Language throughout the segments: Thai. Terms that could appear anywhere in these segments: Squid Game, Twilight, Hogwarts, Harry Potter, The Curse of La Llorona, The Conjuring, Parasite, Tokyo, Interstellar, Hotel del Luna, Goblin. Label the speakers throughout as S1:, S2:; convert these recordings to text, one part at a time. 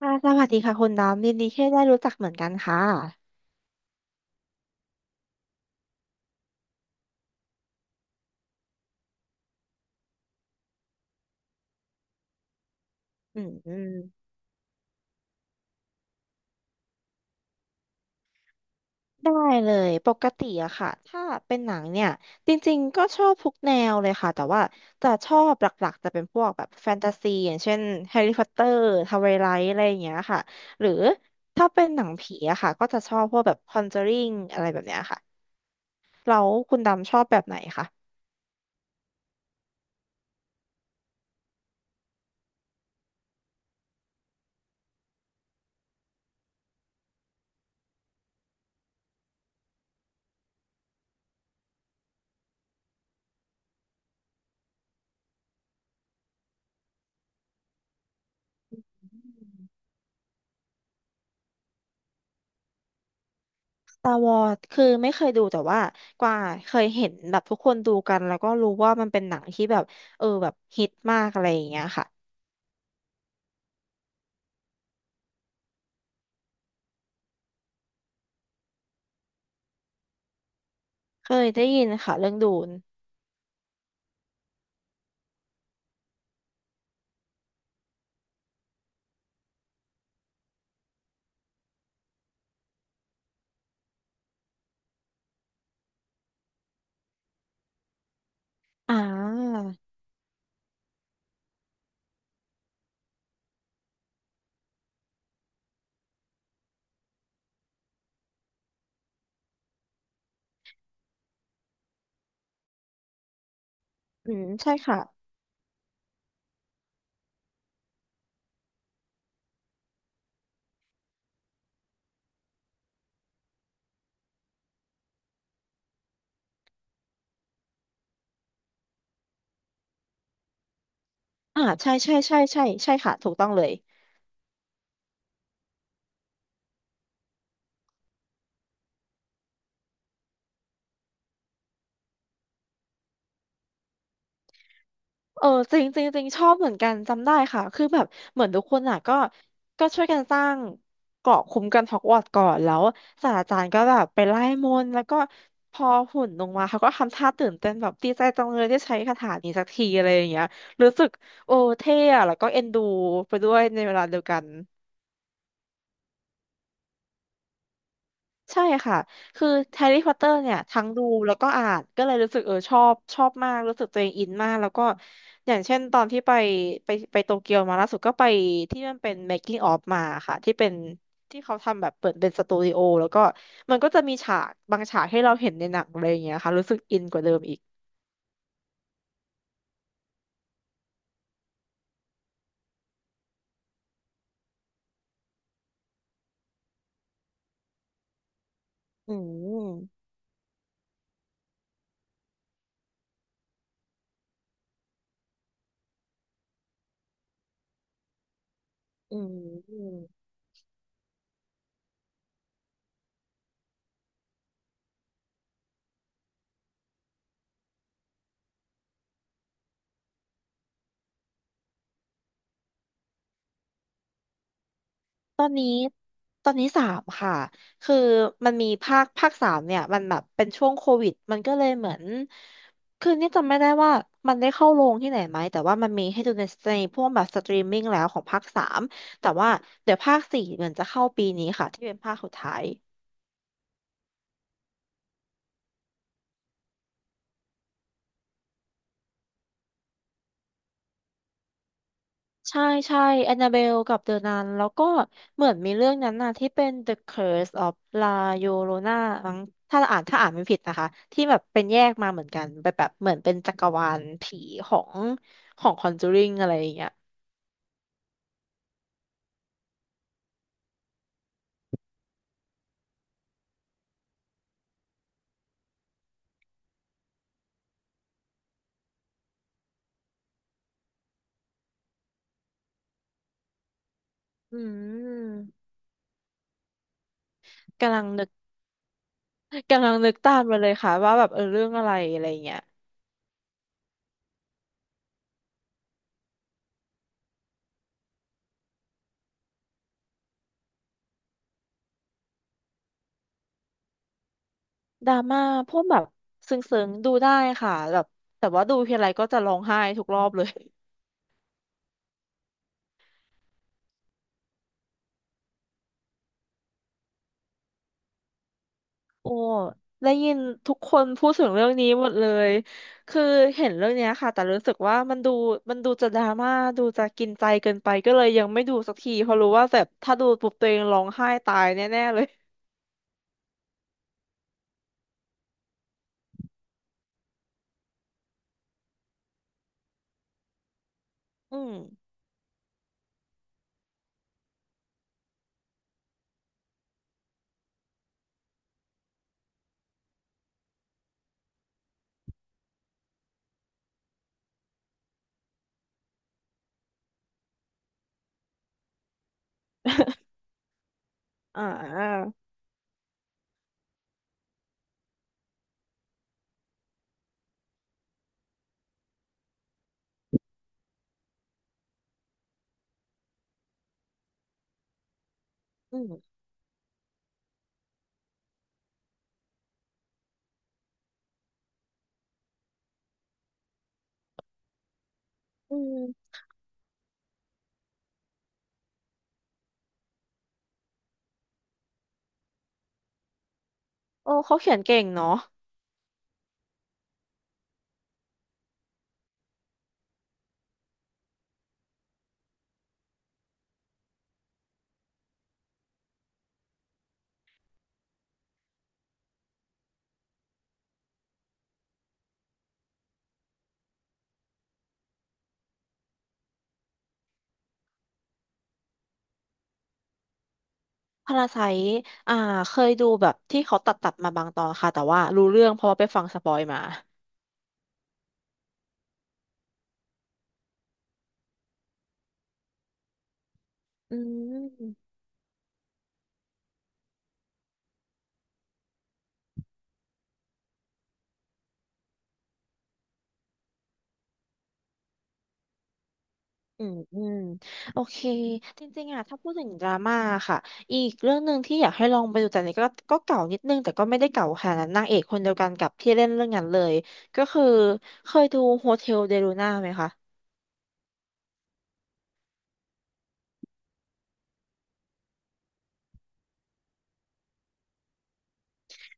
S1: ค่ะสวัสดีค่ะคุณดำยินดีที่ได้รู้จักเหมือนกันค่ะอืมอืมได้เลยปกติอะค่ะถ้าเป็นหนังเนี่ยจริงๆก็ชอบทุกแนวเลยค่ะแต่ว่าจะชอบหลักๆจะเป็นพวกแบบแฟนตาซีอย่างเช่นแฮร์รี่พอตเตอร์ทาวไวไลท์อะไรอย่างเงี้ยค่ะหรือถ้าเป็นหนังผีอะค่ะก็จะชอบพวกแบบคอนเจอริงอะไรแบบเนี้ยค่ะแล้วคุณดำชอบแบบไหนคะ ตาวอดคือไม่เคยดูแต่ว่ากว่าเคยเห็นแบบทุกคนดูกันแล้วก็รู้ว่ามันเป็นหนังที่แบบเออแบบฮิตมากอะไรอย่างเงี้ยค่ะเคยได้ยินค่ะเรื่องดูนอ่าอืมใช่ค่ะอ่าใช่ใช่ใช่ใช่ใช่ค่ะถูกต้องเลย เออจริงจริงจริงชอบเหมือนกันจำได้ค่ะคือแบบเหมือนทุกคนอ่ะก็ช่วยกันสร้างเกราะคุ้มกันฮอกวอตส์ก่อนแล้วศาสตราจารย์ก็แบบไปไล่มนต์แล้วก็พอหุ่นลงมาเขาก็ทำท่าตื่นเต้นแบบดีใจจังเลยได้ใช้คาถานี้สักทีอะไรอย่างเงี้ยรู้สึกโอ้เท่อะแล้วก็เอ็นดูไปด้วยในเวลาเดียวกัน ใช่ค่ะ คือแฮร์รี่พอตเตอร์เนี่ยทั้งดูแล้วก็อ่านก็เลยรู้สึกเออชอบมากรู้สึกตัวเองอินมากแล้วก็อย่างเช่นตอนที่ไปไปโตเกียวมาล่าสุดก็ไปที่มันเป็น making of มาค่ะที่เป็นที่เขาทำแบบเปิดเป็นสตูดิโอแล้วก็มันก็จะมีฉากบางฉากให้เราเห็นในหนังอะไรอย่างเงี้ยค่ะรู้สึกอินกว่าเดิมอีกอืมอืม ตอนนี้ตอนนี้สามค่ะคือมันมีภาคสามเนี่ยมันแบบเป็นช่วงโควิดมันก็เลยเหมือนคือนี่จำไม่ได้ว่ามันได้เข้าโรงที่ไหนไหมแต่ว่ามันมีให้ดูในพวกแบบสตรีมมิ่งแล้วของภาคสามแต่ว่าเดี๋ยวภาคสี่เหมือนจะเข้าปีนี้ค่ะที่เป็นภาคสุดท้าย ใช่ใช่แอนนาเบลกับเดอะนันแล้วก็เหมือนมีเรื่องนั้นน่ะที่เป็น The Curse of La Llorona มั้งถ้าอ่านถ้าอ่านไม่ผิดนะคะที่แบบเป็นแยกมาเหมือนกันแบบแบบเหมือนเป็นจักรวาลผีของConjuring อะไรอย่างเงี้ยอืมกำลังนึกกำลังนึกตามมาเลยค่ะว่าแบบเออเรื่องอะไรอะไรอย่างเงี้ยดราม่าพวกแบบซึ้งๆดูได้ค่ะแบบแต่ว่าดูทีไรก็จะร้องไห้ทุกรอบเลย โอ้ ได้ยินทุกคนพูดถึงเรื่องนี้หมดเลย คือเห็นเรื่องเนี้ยค่ะ แต่รู้สึกว่ามันดูมันดูจะดราม่าดูจะกินใจเกินไปก็เลยยังไม่ดูสักทีเพราะรู้ว่าแบบถ้าดูปุ๊บตัวเองร้องไห้ตายแน่ๆเลย อืมอ่าอืมอืมโอ้เขาเขียนเก่งเนาะพาราไซอ่า เคยดูแบบที่เขาตัดตัดมาบางตอนค่ะ แต่ว่ารู้เรื่องเพราะว่าไปฟังสปอยมาอืม อืมอืมโอเคจริงๆอะถ้าพูดถึงดราม่าค่ะอีกเรื่องหนึ่งที่อยากให้ลองไปดูแต่นี่ก็เก่านิดนึงแต่ก็ไม่ได้เก่าขนาดนั้นนางเอกคนเดียวกันกับที่เล่นเรื่องนั้นเลยก็คือเคยดูโฮเทลเดลูน่าไหมคะ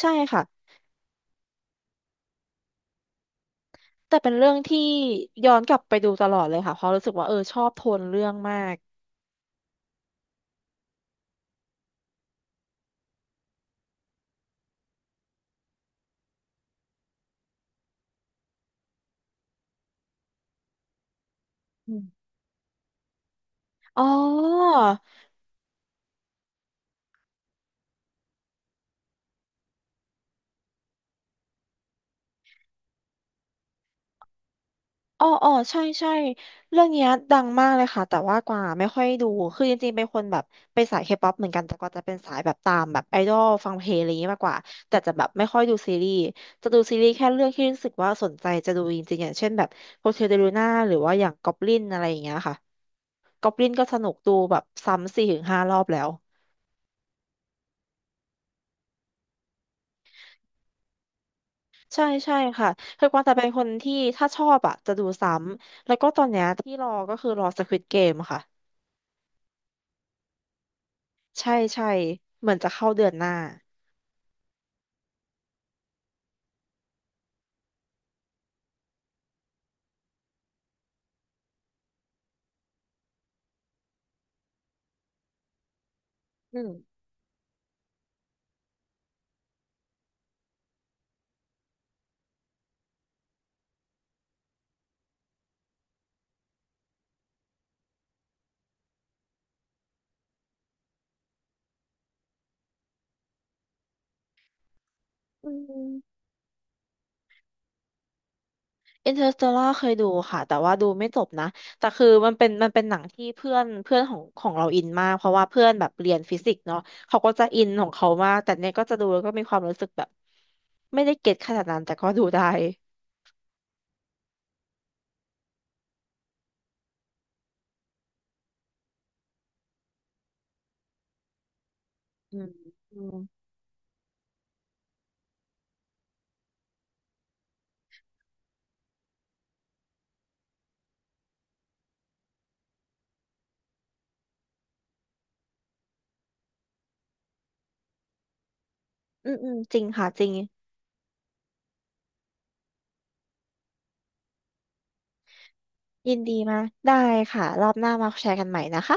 S1: ใช่ค่ะแต่เป็นเรื่องที่ย้อนกลับไปดูตลอดเลยค่ะเพราะรู้สึกว่าเออชอบโทนเรื่องมากอืมอ๋อ อ๋ออ๋อใช่ใช่เรื่องเนี้ยดังมากเลยค่ะ แต่ว่ากว่าไม่ค่อยดู คือจริงๆเป็นคนแบบเป็นสายเคป๊อปเหมือนกันแต่กว่าจะเป็นสายแบบตามแบบไอดอลฟังเพลงอะไรอย่างงี้มากกว่า แต่จะแบบไม่ค่อยดูซีรีส์จะดูซีรีส์แค่เรื่องที่รู้สึกว่าสนใจจะดูจริงๆอย่างเช่นแบบโฮเทลเดลูน่าหรือว่าอย่างก็อบลินอะไรอย่างเงี้ยค่ะก็อบลินก็สนุกดูแบบซ้ำสี่ถึงห้ารอบแล้ว ใช่ใช่ค่ะคือกวางแต่เป็นคนที่ถ้าชอบอ่ะจะดูซ้ำเพราะตอนเนี้ยที่รอก็คือรอ Squid Game ค่ะใช่ใช่เหมือนจะเข้าเดือนหน้า อืมอืมอินเตอร์สเตลล่าเคยดูค่ะแต่ว่าดูไม่จบนะแต่คือมันเป็นหนังที่เพื่อนเพื่อนของเราอินมากเพราะว่าเพื่อนแบบเรียนฟิสิกส์เนาะเขาก็จะอินของเขามากแต่เนี่ยก็จะดูแล้วก็มีความรู้สึกแบบไม่ได้เก็ตขนาดนั้นแต่ก็ดูได้อืมอืมอืมอืมจริงค่ะจริงยินดีมากได้ค่ะรอบหน้ามาแชร์กันใหม่นะคะ